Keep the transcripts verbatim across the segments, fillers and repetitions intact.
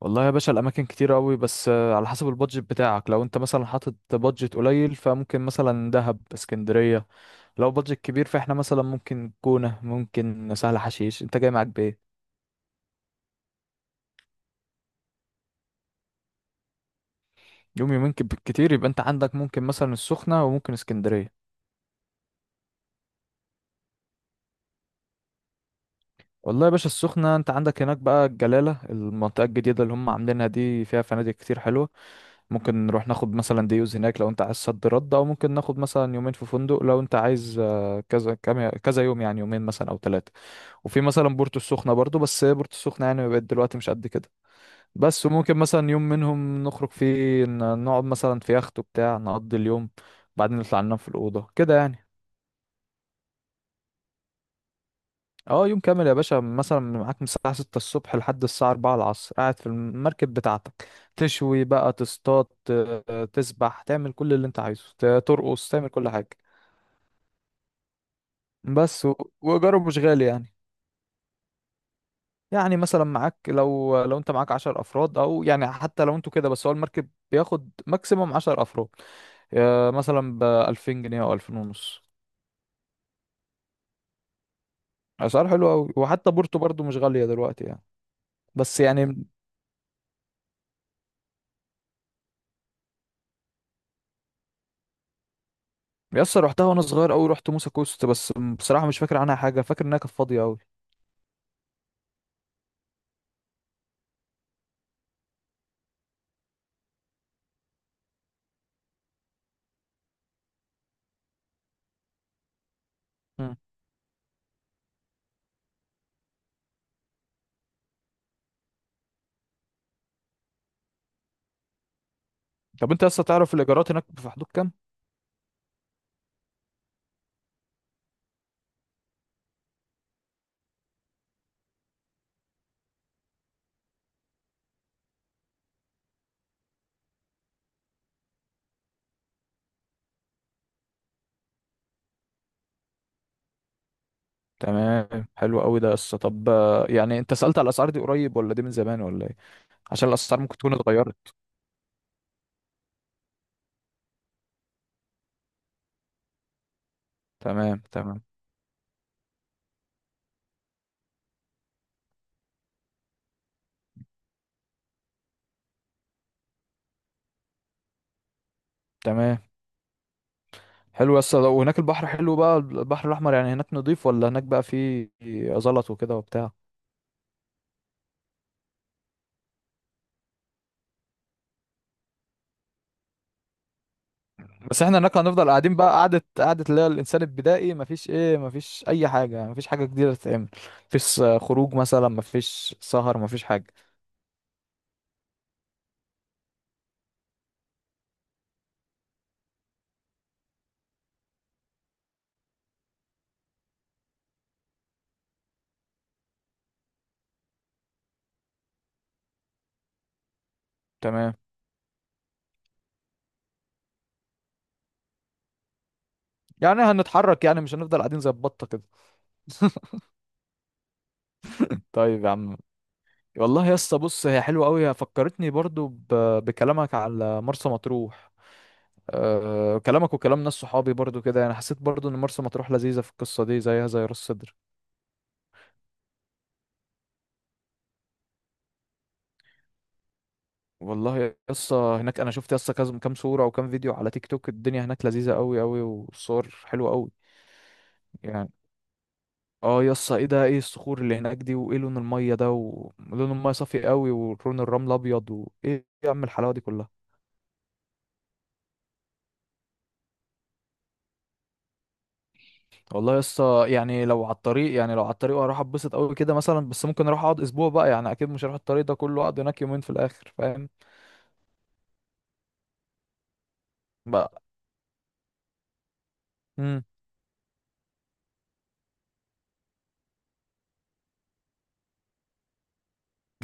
والله يا باشا الاماكن كتير قوي. بس آه، على حسب البادجت بتاعك. لو انت مثلا حاطط بادجت قليل فممكن مثلا دهب، اسكندريه. لو بادجت كبير فاحنا مثلا ممكن جونه، ممكن سهل حشيش. انت جاي معاك بايه؟ يوم يومين كب- كتير يبقى انت عندك ممكن مثلا السخنه وممكن اسكندريه. والله يا باشا، السخنه انت عندك هناك بقى الجلاله، المنطقه الجديده اللي هم عاملينها دي، فيها فنادق كتير حلوه. ممكن نروح ناخد مثلا ديوز هناك لو انت عايز صد رد، او ممكن ناخد مثلا يومين في فندق لو انت عايز. آه، كذا كام- كذا يوم يعني، يومين مثلا او ثلاثه. وفي مثلا بورتو السخنة برضو، بس هي بورتو السخنة يعني بقت دلوقتي مش قد كده. بس وممكن مثلا يوم منهم نخرج فيه ن- نقعد مثلا في يخت وبتاع، نقضي اليوم. بعدين نطلع ننام في الأوضة كده يعني. اه يوم كامل يا باشا، مثلا معاك من الساعة ستة الصبح لحد الساعة أربعة العصر قاعد في المركب بتاعتك. تشوي بقى، تصطاد، ت- تسبح، تعمل كل اللي انت عايزه، ت- ترقص، تعمل كل حاجة. بس و- وإيجاره مش غالي يعني. يعني مثلا معاك، لو لو انت معاك عشر افراد او يعني حتى لو انتوا كده، بس هو المركب بياخد ماكسيموم عشر افراد. آه، مثلا بألفين جنيه او ألفين ونص. اسعار حلوة اوي، وحتى بورتو برضو مش غالية دلوقتي يعني. بس يعني. يسطا رحتها وانا صغير اوي، رحت موسى كوست بس. بصراحة مش فاكر عنها حاجة، فاكر انها كانت فاضية اوي. مم. طب انت يسطا تعرف الايجارات هناك في حدود كام؟ تمام، حلو قوي ده يسطا. طب آه، يعني انت سألت على الاسعار دي قريب ولا دي من زمان ولا ايه؟ عشان الاسعار ممكن تكون اتغيرت. تمام تمام. تمام، حلو يا اسطى. وهناك البحر حلو بقى، البحر الاحمر يعني هناك نضيف ولا هناك بقى فيه زلط وكده وبتاع؟ بس احنا هناك هنفضل قاعدين بقى قعدة قعدة، اللي هي الانسان البدائي، مفيش ايه، مفيش اي حاجة يعني، مفيش حاجة جديدة تتعمل. مفيش آه، خروج مثلا، مفيش سهر، مفيش حاجة. تمام، يعني هنتحرك، يعني مش هنفضل قاعدين زي البطة كده. طيب يا عم. والله يا اسطى بص، هي حلوه قوي، فكرتني برضو ب... بكلامك على مرسى مطروح. أه كلامك وكلام ناس صحابي برضو كده، يعني حسيت برضو ان مرسى مطروح لذيذه في القصه دي، زيها زي راس سدر. والله يا اسطى، هناك انا شفت يا اسطى كذا- كام صوره وكام فيديو على تيك توك، الدنيا هناك لذيذه قوي قوي، والصور حلوه قوي يعني. اه يا اسطى، ايه ده، ايه الصخور اللي هناك دي، وايه لون الميه ده، ولون الميه صافي قوي، ولون الرمل ابيض، وايه يا عم الحلاوه دي كلها! والله يا اسطى يعني، لو على الطريق يعني، لو على الطريق هروح اتبسط قوي كده مثلا، بس ممكن اروح اقعد اسبوع بقى يعني، اكيد مش هروح الطريق ده كله اقعد هناك يومين في الاخر، فاهم؟ بقى.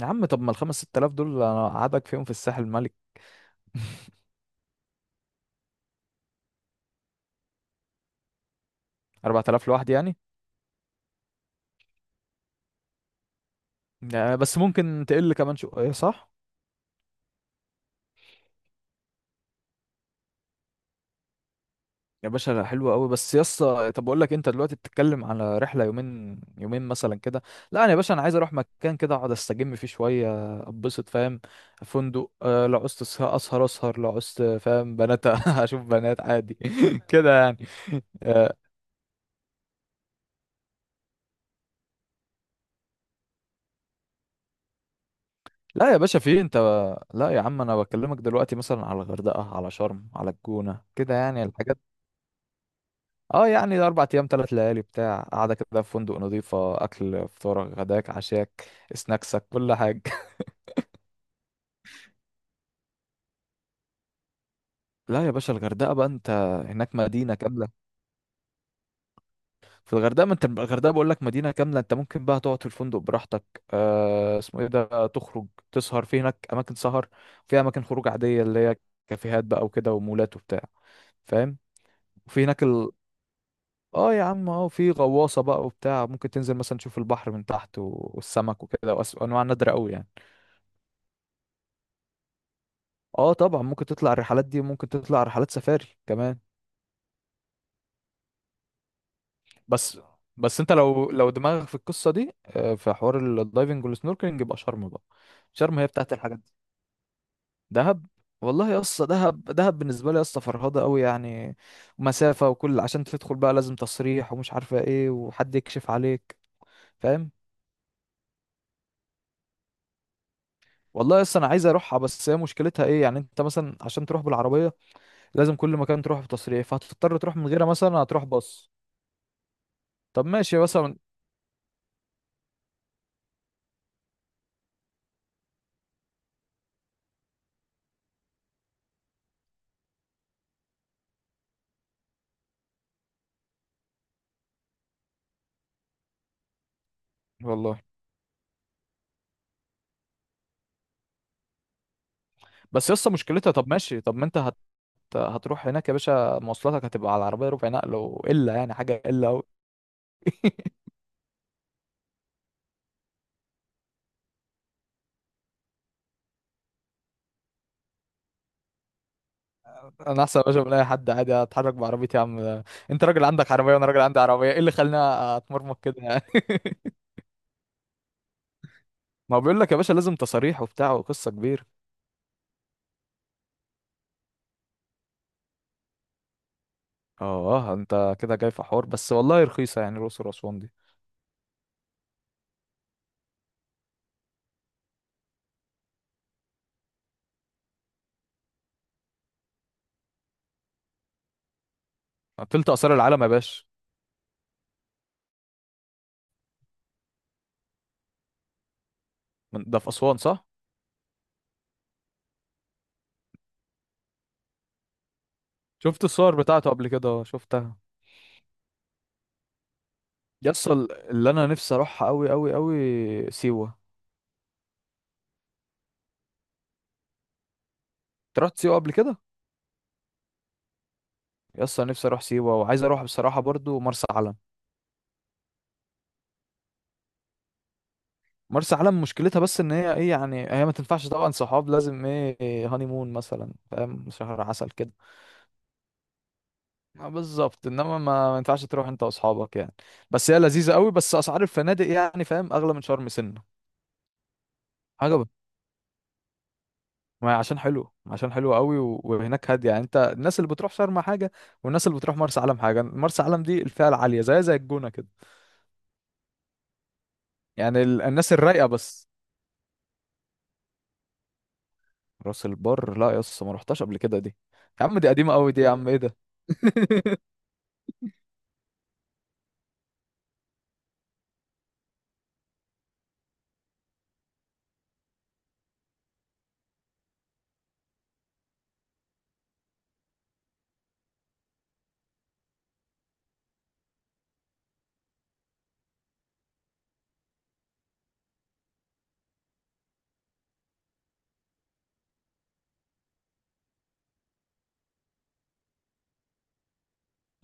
يا عم طب ما الخمس ست آلاف دول انا قعدك فيهم في الساحل الملك. أربعة تلاف لوحدي يعني؟ آه، بس ممكن تقل كمان شويه، صح؟ يا باشا لا، حلوة قوي. بس يا اسطى طب اقول لك، انت دلوقتي بتتكلم على رحله يومين يومين مثلا كده. لا انا يا باشا، انا عايز اروح مكان كده اقعد استجم فيه شويه، اتبسط، فاهم؟ فندق، آه، لو عوزت أسه- اسهر اسهر لو عوزت، فاهم، بنات اشوف بنات عادي كده يعني. آه، لا يا باشا في انت لا يا عم، انا بكلمك دلوقتي مثلا على الغردقه، على شرم، على الجونه كده يعني الحاجات. اه يعني اربع ايام، ثلاث ليالي بتاع، قاعده كده في فندق نظيفه، اكل، فطارك غداك عشاك سناكسك كل حاجه. لا يا باشا الغردقه بقى انت، هناك مدينه كامله. في الغردقه، ما انت الغردقه بقول لك مدينه كامله. انت ممكن بقى تقعد في الفندق براحتك، آه اسمه ايه ده، تخرج، تسهر، في هناك اماكن سهر، في اماكن خروج عاديه اللي هي كافيهات بقى وكده، ومولات وبتاع، فاهم؟ وفي هناك ال... اه يا عم، اه في غواصه بقى وبتاع، ممكن تنزل مثلا تشوف البحر من تحت و- والسمك وكده، وأس- وانواع نادره قوي يعني. اه طبعا ممكن تطلع الرحلات دي، وممكن تطلع رحلات سفاري كمان. بس بس انت لو لو دماغك في القصه دي، آه، في حوار الدايفنج والسنوركلينج، يبقى شرم بقى. شرم هي بتاعت الحاجات دي. دهب. والله يا اسطى دهب، دهب بالنسبه لي يا اسطى فرهضه قوي يعني. مسافه وكل، عشان تدخل بقى لازم تصريح ومش عارفه ايه، وحد يكشف عليك، فاهم؟ والله يا اسطى انا عايز اروحها، بس هي مشكلتها ايه يعني، انت مثلا عشان تروح بالعربيه لازم كل مكان تروح بتصريح، فهتضطر تروح من غيرها، مثلا هتروح باص. طب ماشي مثلا. والله بس يسطا مشكلتها. طب ماشي، طب ما انت هت... هتروح هناك يا باشا، مواصلاتك هتبقى على العربية ربع نقل، وإلا يعني حاجة إلا أوي. أنا أحسن يا باشا من أي حد عادي، أتحرك بعربيتي يا عم. أنت راجل عندك عربية، وأنا راجل عندي عربية، إيه اللي خلاني أتمرمط كده يعني؟ ما هو بيقول لك يا باشا، لازم تصاريح وبتاع وقصة كبيرة. آه أنت كده جاي في حوار، بس والله رخيصة يعني الأقصر وأسوان دي. تلت آثار العالم يا باشا. من- ده في أسوان، صح؟ شفت الصور بتاعته قبل كده، آه، شفتها. يسطا، اللي أنا نفسي أروحها أوي أوي أوي سيوة. أنت رحت سيوة قبل كده؟ يا اسطى نفسي اروح سيوه، وعايز اروح بصراحه برضو مرسى علم. مرسى علم مشكلتها بس ان هي ايه يعني، هي ما تنفعش طبعا صحاب، لازم ايه، هاني مون مثلا، فاهم، شهر عسل كده. آه بالظبط، انما ما ما ينفعش تروح انت واصحابك يعني. بس هي لذيذه قوي، بس اسعار الفنادق يعني فاهم، اغلى من شرم سنه. حاجه ب-. ما هي عشان حلو، عشان حلو قوي و- وهناك هاديه يعني. انت الناس اللي بتروح شرم حاجه، والناس اللي بتروح مرسى علم حاجه، مرسى علم دي الفئه العاليه، زي زي الجونه كده. يعني ال- الناس الرايقه بس. راس البر؟ لا يا اسطى ما رحتش قبل كده دي. يا عم دي قديمه قوي دي يا عم، ايه ده؟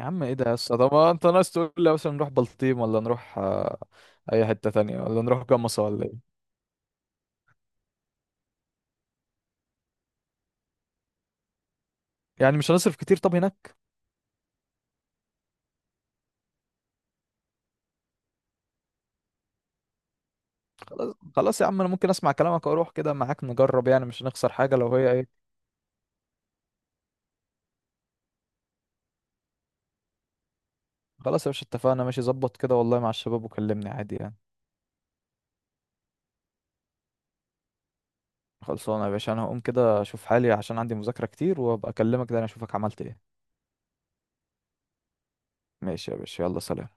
يا عم ايه ده يا اسطى، طب ما انت ناس تقول لي مثلا نروح بلطيم، ولا نروح آه، اي حته تانية، ولا نروح جمصة، ولا ايه؟ يعني مش هنصرف كتير طب هناك؟ خلاص خلاص يا عم، انا ممكن اسمع كلامك واروح كده معاك نجرب، يعني مش هنخسر حاجه، لو هي ايه. خلاص يا باشا اتفقنا، ماشي ظبط كده والله مع الشباب وكلمني عادي يعني. خلصانه يا باشا، انا هقوم كده اشوف حالي عشان عندي مذاكره كتير، وابقى اكلمك، ده انا اشوفك عملت ايه. ماشي يا باشا، يلا سلام.